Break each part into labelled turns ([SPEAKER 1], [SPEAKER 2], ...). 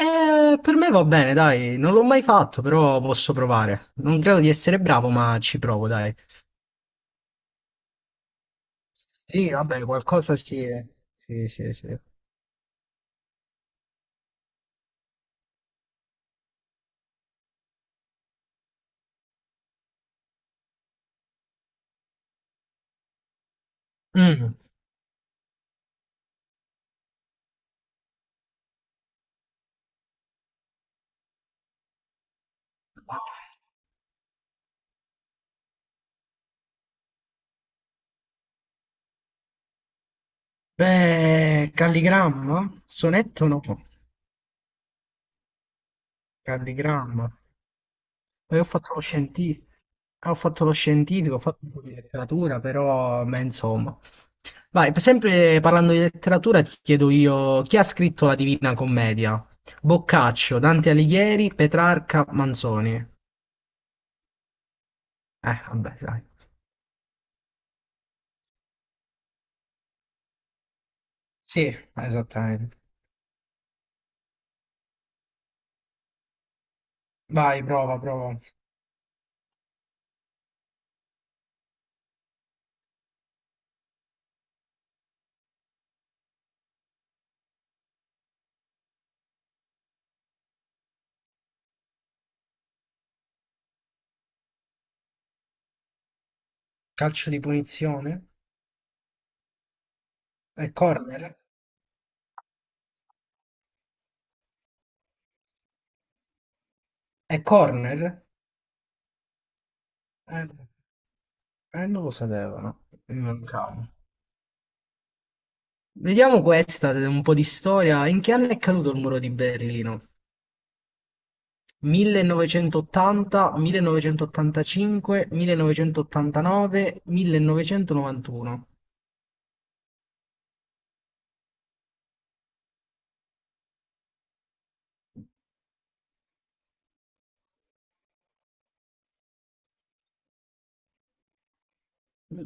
[SPEAKER 1] Per me va bene, dai, non l'ho mai fatto, però posso provare. Non credo di essere bravo, ma ci provo, dai. Sì, vabbè, qualcosa sì. Sì, sì, sì. Mm. Beh, calligramma? Sonetto no, calligramma. E ho fatto lo scientifico. Ah, ho fatto lo scientifico, ho fatto un po' di letteratura, però, beh, insomma. Vai, sempre parlando di letteratura, ti chiedo io, chi ha scritto la Divina Commedia? Boccaccio, Dante Alighieri, Petrarca, Manzoni. Vabbè, dai. Sì, esattamente. Vai, prova, prova. Calcio di punizione? È corner? È corner? Eh, non lo sapevano. Mi mancava. Vediamo questa, un po' di storia. In che anno è caduto il muro di Berlino? 1980, 1985, 1989, 1991.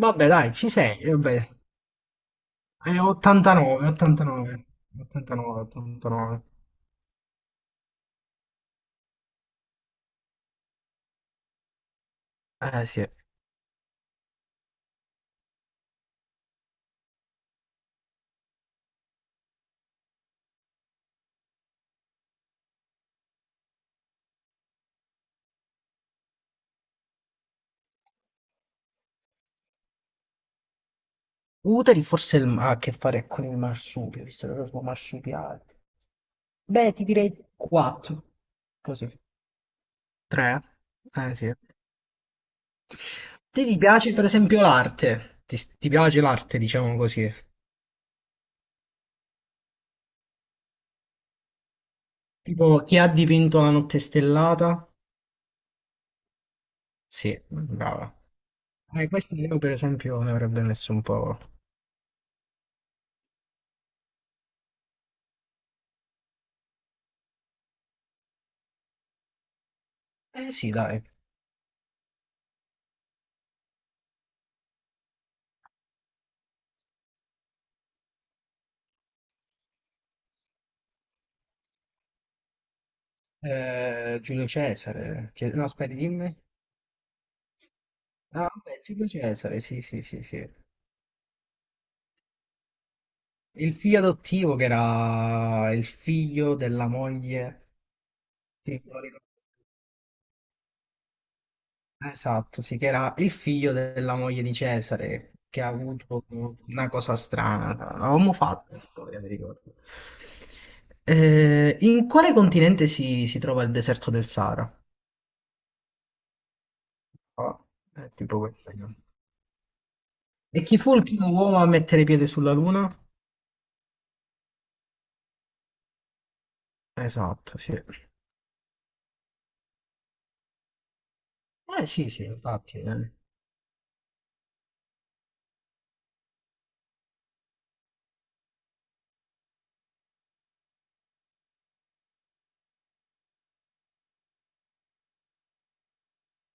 [SPEAKER 1] Vabbè, dai, ci sei, vabbè. 89, 89, 89, 89. Eh sì. Uteri forse ha a che fare con il marsupio, visto che lo sono marsupiale. Beh, ti direi 4. Così. 3. Eh sì. Ti piace per esempio l'arte? Ti piace l'arte, diciamo così? Tipo, chi ha dipinto la notte stellata? Sì, brava. Questa io per esempio ne avrebbe messo un po'. Eh sì, dai. Giulio Cesare. No, aspetta, dimmi. Ah, vabbè, Giulio Cesare, sì, sì, sì, sì. Il figlio adottivo che era il figlio della moglie. Sì, me lo ricordo. Esatto, sì, che era il figlio della moglie di Cesare, che ha avuto una cosa strana. L'avevamo fatto la storia, mi ricordo. In quale continente si trova il deserto del Sahara? Ah, è tipo questa. E chi fu il primo uomo a mettere piede sulla Luna? Esatto, sì. Eh sì, sì, infatti.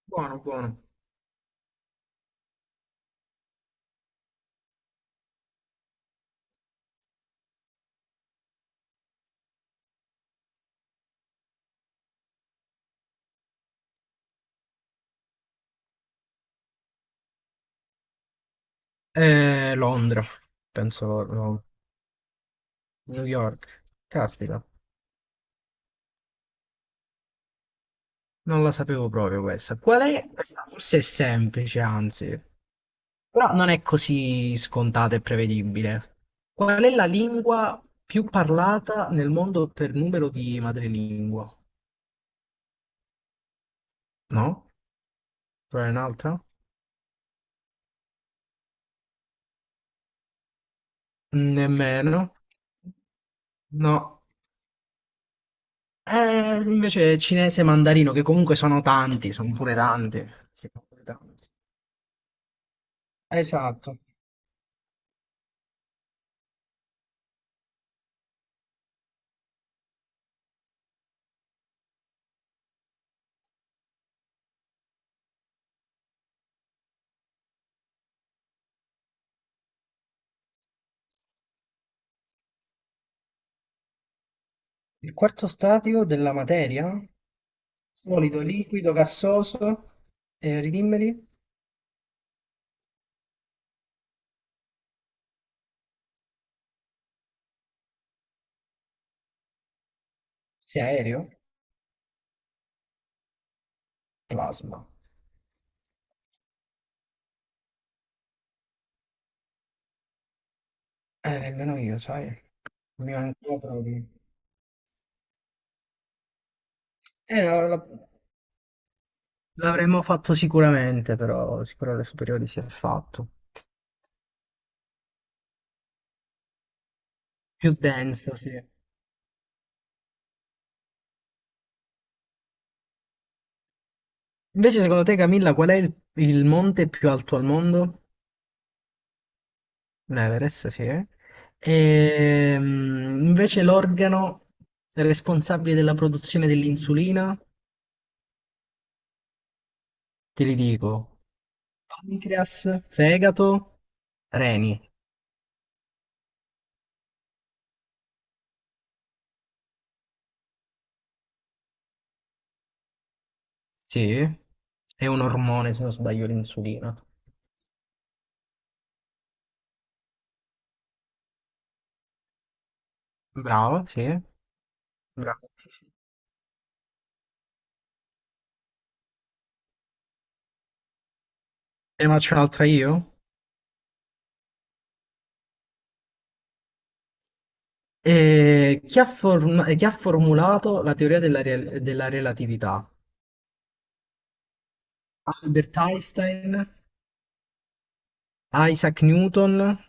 [SPEAKER 1] Buono, buono. Londra, penso, no, New York. Caspita, non la sapevo proprio questa. Qual è? Questa forse è semplice, anzi, però non è così scontata e prevedibile. Qual è la lingua più parlata nel mondo per numero di madrelingua? No? Qual è un'altra? Nemmeno. No, eh, invece cinese e mandarino, che comunque sono tanti, sono pure tanti. Sì, sono pure tanti. Esatto. Il quarto stadio della materia? Solido, liquido, gassoso, ridimmeli? Sì, aereo? Plasma. Nemmeno io, sai. Mi mancava proprio. No, L'avremmo fatto sicuramente, però sicuro alle superiori si è fatto. Più denso, sì. Invece, secondo te, Camilla, qual è il monte più alto al mondo? Un Everest, sì. E, invece l'organo responsabile della produzione dell'insulina, te li dico, pancreas, fegato, reni, sì. È un ormone, se non sbaglio, l'insulina. Bravo, sì. Bravo. Te ne faccio un'altra io? E chi ha formulato la teoria della relatività? Albert Einstein, Isaac Newton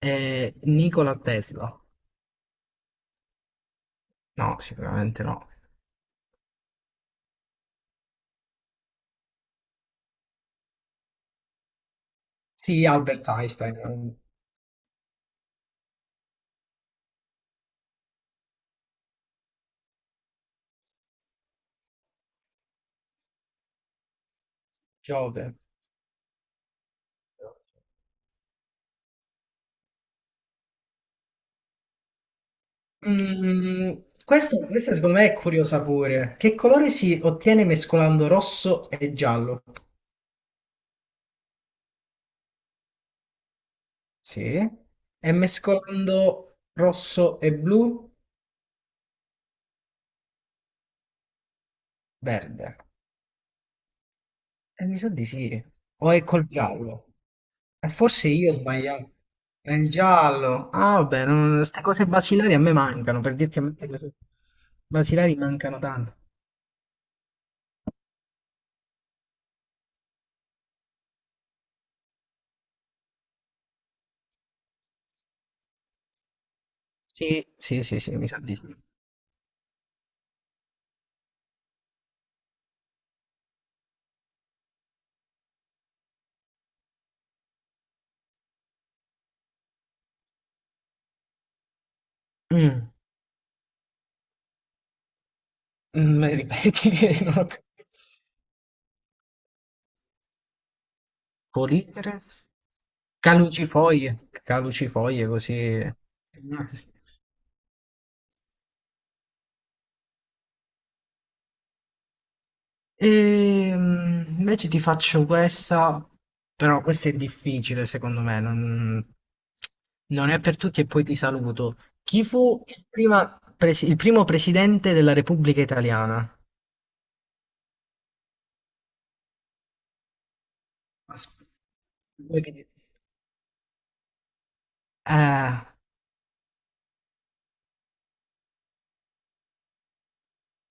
[SPEAKER 1] e Nikola Tesla. No, sicuramente no. Sì, Albert Einstein. Giove. Mm, questa secondo me è curiosa pure. Che colore si ottiene mescolando rosso e giallo? Sì. E mescolando rosso e blu? Verde. E mi sa di sì. O è col giallo? E forse io ho sbagliato. È il giallo. Ah, vabbè, queste cose basilari a me mancano, per dirti a me che le cose basilari mancano tanto. Sì, sì, sì, sì, mi sa di sì. Mm, me li ripeti che non ho capito. Colicere? Calucifoglie, calucifoglie così. Invece ti faccio questa, però questa è difficile secondo me, non è per tutti e poi ti saluto. Chi fu il primo presidente della Repubblica Italiana? Aspetta. Vuoi che ti- Eh,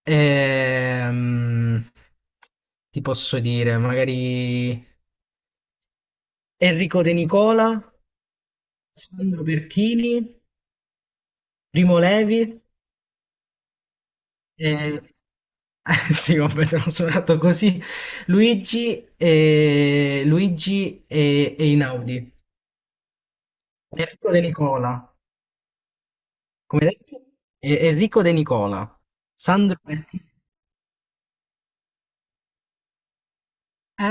[SPEAKER 1] Ehm, Ti posso dire, magari Enrico De Nicola, Sandro Pertini, Primo Levi, eh, sì, vabbè, te l'ho suonato così, Luigi e Inaudi. Enrico De Nicola, come detto? Enrico De Nicola, Sandro Pertini. Eh,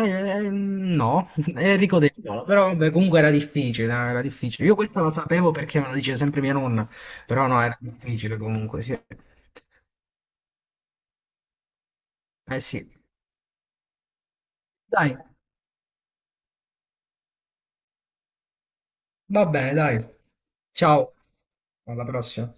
[SPEAKER 1] no, Enrico De Nicola, però vabbè, comunque era difficile, era difficile. Io questa la sapevo perché me lo dice sempre mia nonna, però no, era difficile comunque, sì. Eh sì. Dai, va bene, dai. Ciao, alla prossima.